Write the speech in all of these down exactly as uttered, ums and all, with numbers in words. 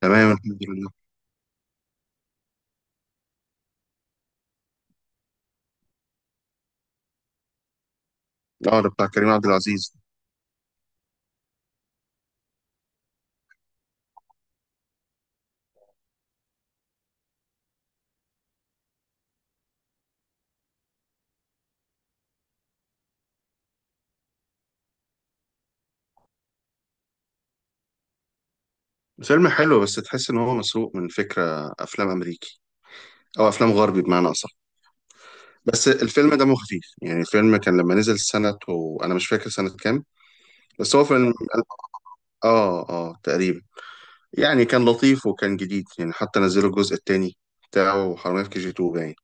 تمام، الحمد لله. اه، ده بتاع كريم عبد العزيز. فيلم حلو بس تحس ان هو مسروق من فكره افلام امريكي، او افلام غربي بمعنى اصح. بس الفيلم دمه خفيف. يعني الفيلم كان لما نزل سنه وانا مش فاكر سنه كام. بس هو فيلم اه اه تقريبا. يعني كان لطيف وكان جديد، يعني حتى نزلوا الجزء التاني بتاعه حرامية في كي جي تو باين.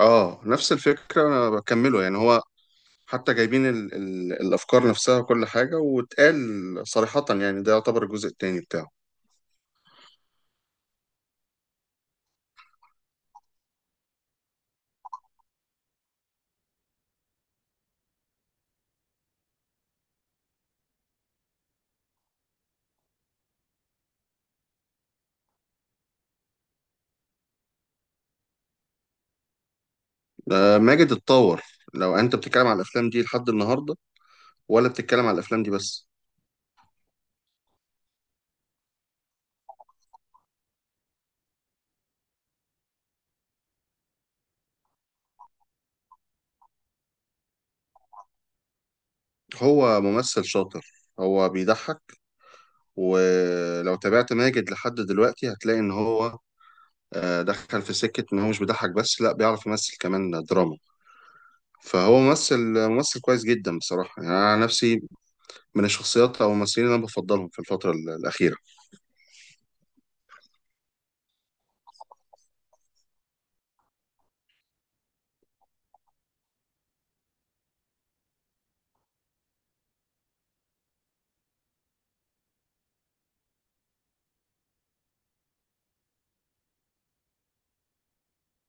اه، نفس الفكره، انا بكمله. يعني هو حتى جايبين ال ال الافكار نفسها وكل حاجه، واتقال صريحه. يعني ده يعتبر الجزء التاني بتاعه. آه، ماجد اتطور. لو انت بتتكلم على الافلام دي لحد النهارده، ولا بتتكلم على الافلام دي بس؟ هو ممثل شاطر، هو بيضحك. ولو تابعت ماجد لحد دلوقتي هتلاقي ان هو آه، دخل في سكة ان هو مش بيضحك بس، لا بيعرف يمثل كمان دراما. فهو ممثل، ممثل كويس جدا بصراحة. يعني أنا نفسي من الشخصيات أو الممثلين اللي أنا بفضلهم في الفترة ال- الأخيرة.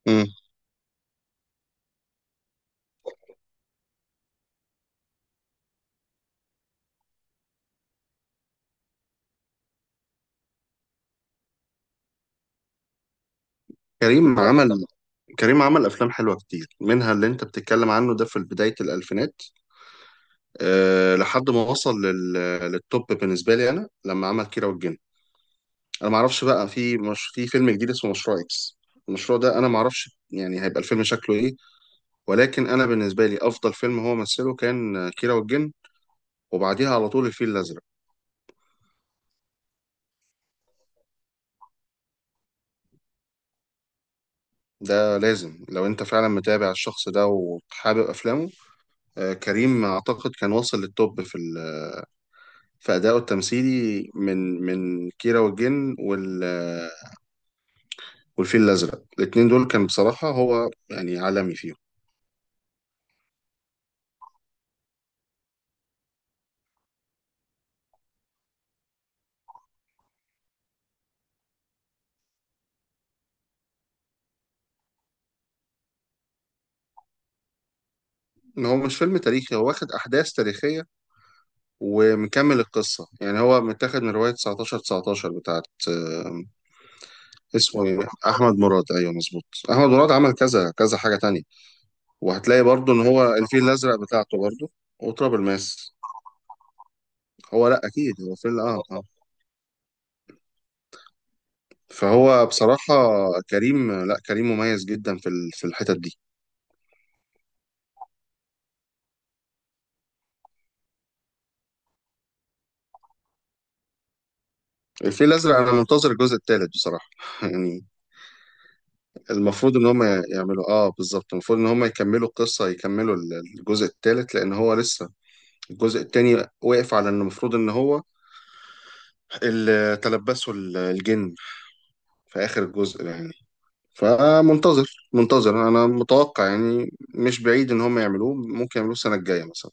مم. كريم عمل كريم عمل أفلام حلوة كتير، منها اللي أنت بتتكلم عنه ده في بداية الألفينات. أه، لحد ما وصل لل... للتوب بالنسبه لي انا، لما عمل كيرة والجن. انا ما اعرفش بقى، في مش... في فيلم جديد اسمه مشروع اكس. المشروع ده انا ما اعرفش يعني هيبقى الفيلم شكله ايه. ولكن انا بالنسبه لي افضل فيلم هو مثله كان كيرة والجن، وبعديها على طول الفيل الازرق. ده لازم لو انت فعلا متابع الشخص ده وحابب افلامه. آه، كريم اعتقد كان واصل للتوب في ال... في ادائه التمثيلي، من من كيرة والجن وال... والفيل الازرق. الاتنين دول كان بصراحه هو يعني عالمي فيهم. ان هو مش فيلم تاريخي، هو واخد احداث تاريخيه ومكمل القصه. يعني هو متاخد من روايه تسعه عشر تسعه عشر بتاعت. آه، اسمه إيه؟ احمد مراد، ايوه مظبوط. احمد مراد عمل كذا كذا حاجه تانية. وهتلاقي برضو ان هو الفيل الازرق بتاعته برضو، وتراب الماس. هو لا اكيد هو فيلم اه اه. فهو بصراحه، كريم لا كريم مميز جدا في ال- في الحتت دي. الفيل الازرق انا منتظر الجزء الثالث بصراحه. يعني المفروض ان هم يعملوا. اه بالظبط، المفروض ان هم يكملوا القصة، يكملوا ال- الجزء الثالث. لان هو لسه الجزء الثاني واقف على ان المفروض ان هو اللي تلبسه ال- الجن في اخر الجزء يعني. فمنتظر، منتظر انا. متوقع يعني مش بعيد ان هم يعملوه، ممكن يعملوه السنة الجاية مثلا.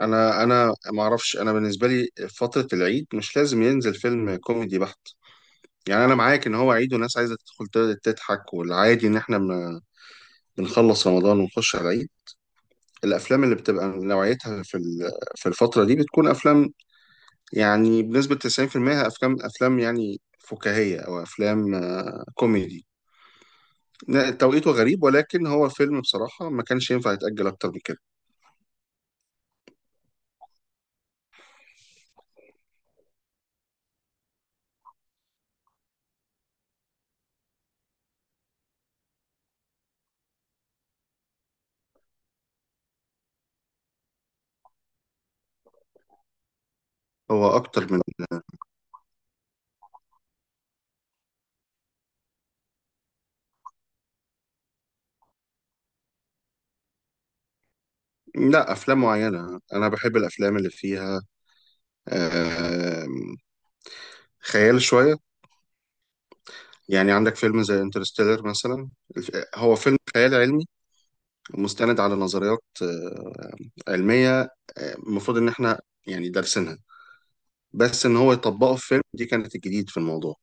انا انا ما اعرفش. انا بالنسبة لي فترة العيد مش لازم ينزل فيلم كوميدي بحت. يعني انا معاك ان هو عيد والناس عايزة تدخل تضحك. والعادي ان احنا ما- بنخلص رمضان ونخش على العيد. الافلام اللي بتبقى نوعيتها في ال- في الفتره دي بتكون افلام يعني بنسبه تسعين في المية، افلام افلام يعني فكاهيه او افلام آه، كوميدي. ن- توقيته غريب، ولكن هو فيلم بصراحه ما كانش ينفع يتاجل اكتر من كده. هو اكتر من لا، افلام معينه انا بحب. الافلام اللي فيها آه، خيال شويه. يعني عندك فيلم زي انترستيلر مثلا. الف- هو فيلم خيال علمي مستند على نظريات آه، علميه. آه، المفروض ان احنا يعني دارسينها. بس ان هو يطبقه في فيلم، دي كانت الجديد في الموضوع.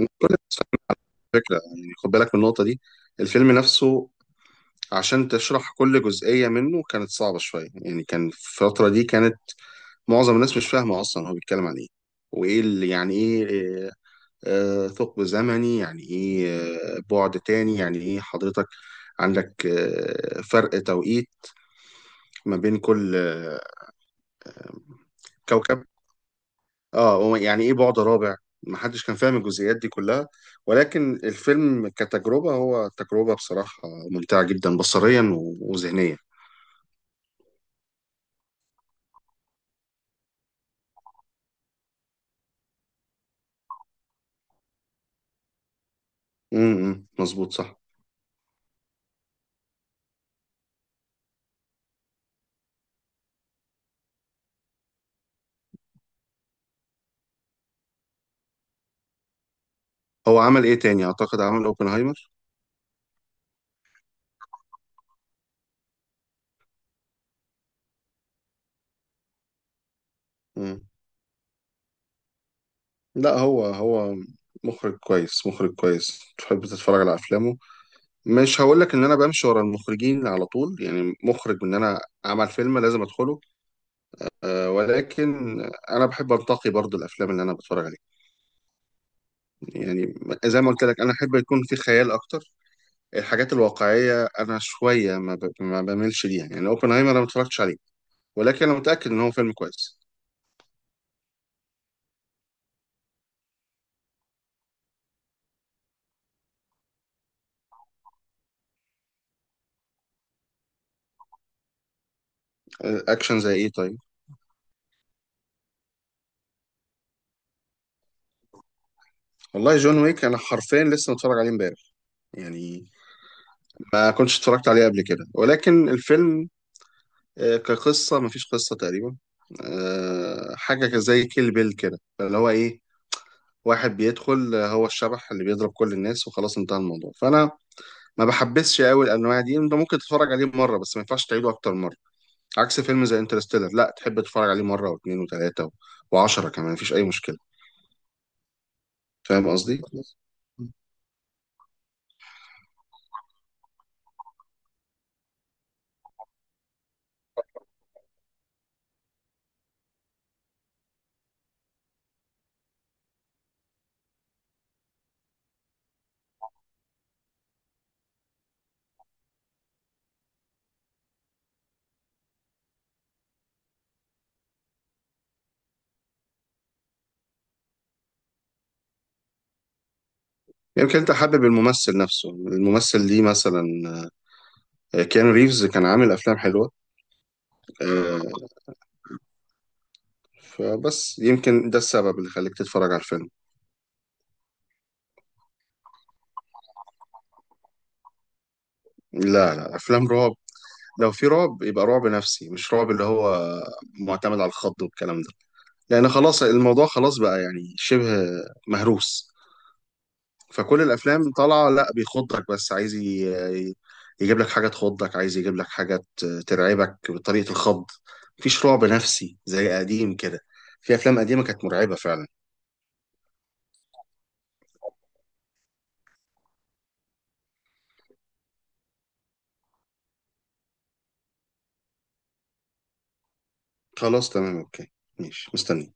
كل الناس على فكره، يعني خد بالك من النقطه دي. الفيلم نفسه عشان تشرح كل جزئيه منه كانت صعبه شويه. يعني كان في الفتره دي كانت معظم الناس مش فاهمه اصلا هو بيتكلم عن ايه، وايه اللي يعني ايه. آه، آه، ثقب زمني يعني ايه؟ آه، بعد تاني يعني ايه حضرتك؟ عندك آه، فرق توقيت ما بين كل آه، كوكب. اه، هو يعني ايه بعد رابع؟ محدش كان فاهم الجزئيات دي كلها. ولكن الفيلم كتجربة، هو تجربة بصراحة ممتعة جدا بصريا و- وذهنيا. امم، مظبوط، صح. هو عمل ايه تاني؟ اعتقد عمل اوبنهايمر. امم. لا هو هو مخرج كويس، مخرج كويس تحب تتفرج على افلامه. مش هقول لك ان انا بمشي ورا المخرجين على طول. يعني مخرج ان انا عمل فيلم لازم ادخله، آه ولكن انا بحب انتقي برضو الافلام اللي انا بتفرج عليها. يعني زي ما قلت لك، انا احب يكون في خيال اكتر. الحاجات الواقعيه انا شويه ما, ب... ما بميلش ليها. يعني اوبنهايمر انا ما اتفرجتش عليه، ولكن انا متاكد ان هو فيلم كويس. آه، اكشن زي ايه طيب؟ والله جون ويك انا حرفيا لسه متفرج عليه امبارح. يعني ما كنتش اتفرجت عليه قبل كده، ولكن الفيلم آه، كقصه ما فيش قصه تقريبا. آه، حاجه ك- زي كيل بيل كده. اللي هو ايه، واحد بيدخل، آه، هو الشبح اللي بيضرب كل الناس وخلاص انتهى الموضوع. فانا ما بحبسش قوي الانواع دي. انت ممكن تتفرج عليه مره بس ما ينفعش تعيده اكتر من مره. عكس فيلم زي انترستيلر، لا، تحب تتفرج عليه مره واثنين وثلاثه و... وعشرة كمان مفيش اي مشكله. فاهم قصدي؟ يمكن انت حابب الممثل نفسه. الممثل ليه مثلا؟ آه، كيانو ريفز كان عامل افلام حلوه. آه، فبس يمكن ده السبب اللي خليك تتفرج على الفيلم. لا لا، افلام رعب لو في رعب يبقى رعب نفسي، مش رعب اللي هو معتمد على الخض والكلام ده. لان خلاص، الموضوع خلاص بقى يعني شبه مهروس. فكل الافلام طالعه لا بيخضك، بس عايز ي- يجيب لك حاجه تخضك، عايز يجيب لك حاجه ت- ترعبك بطريقه الخض. مفيش رعب نفسي زي قديم كده. في افلام قديمه كانت مرعبه فعلا. خلاص تمام، اوكي. ماشي، مستني.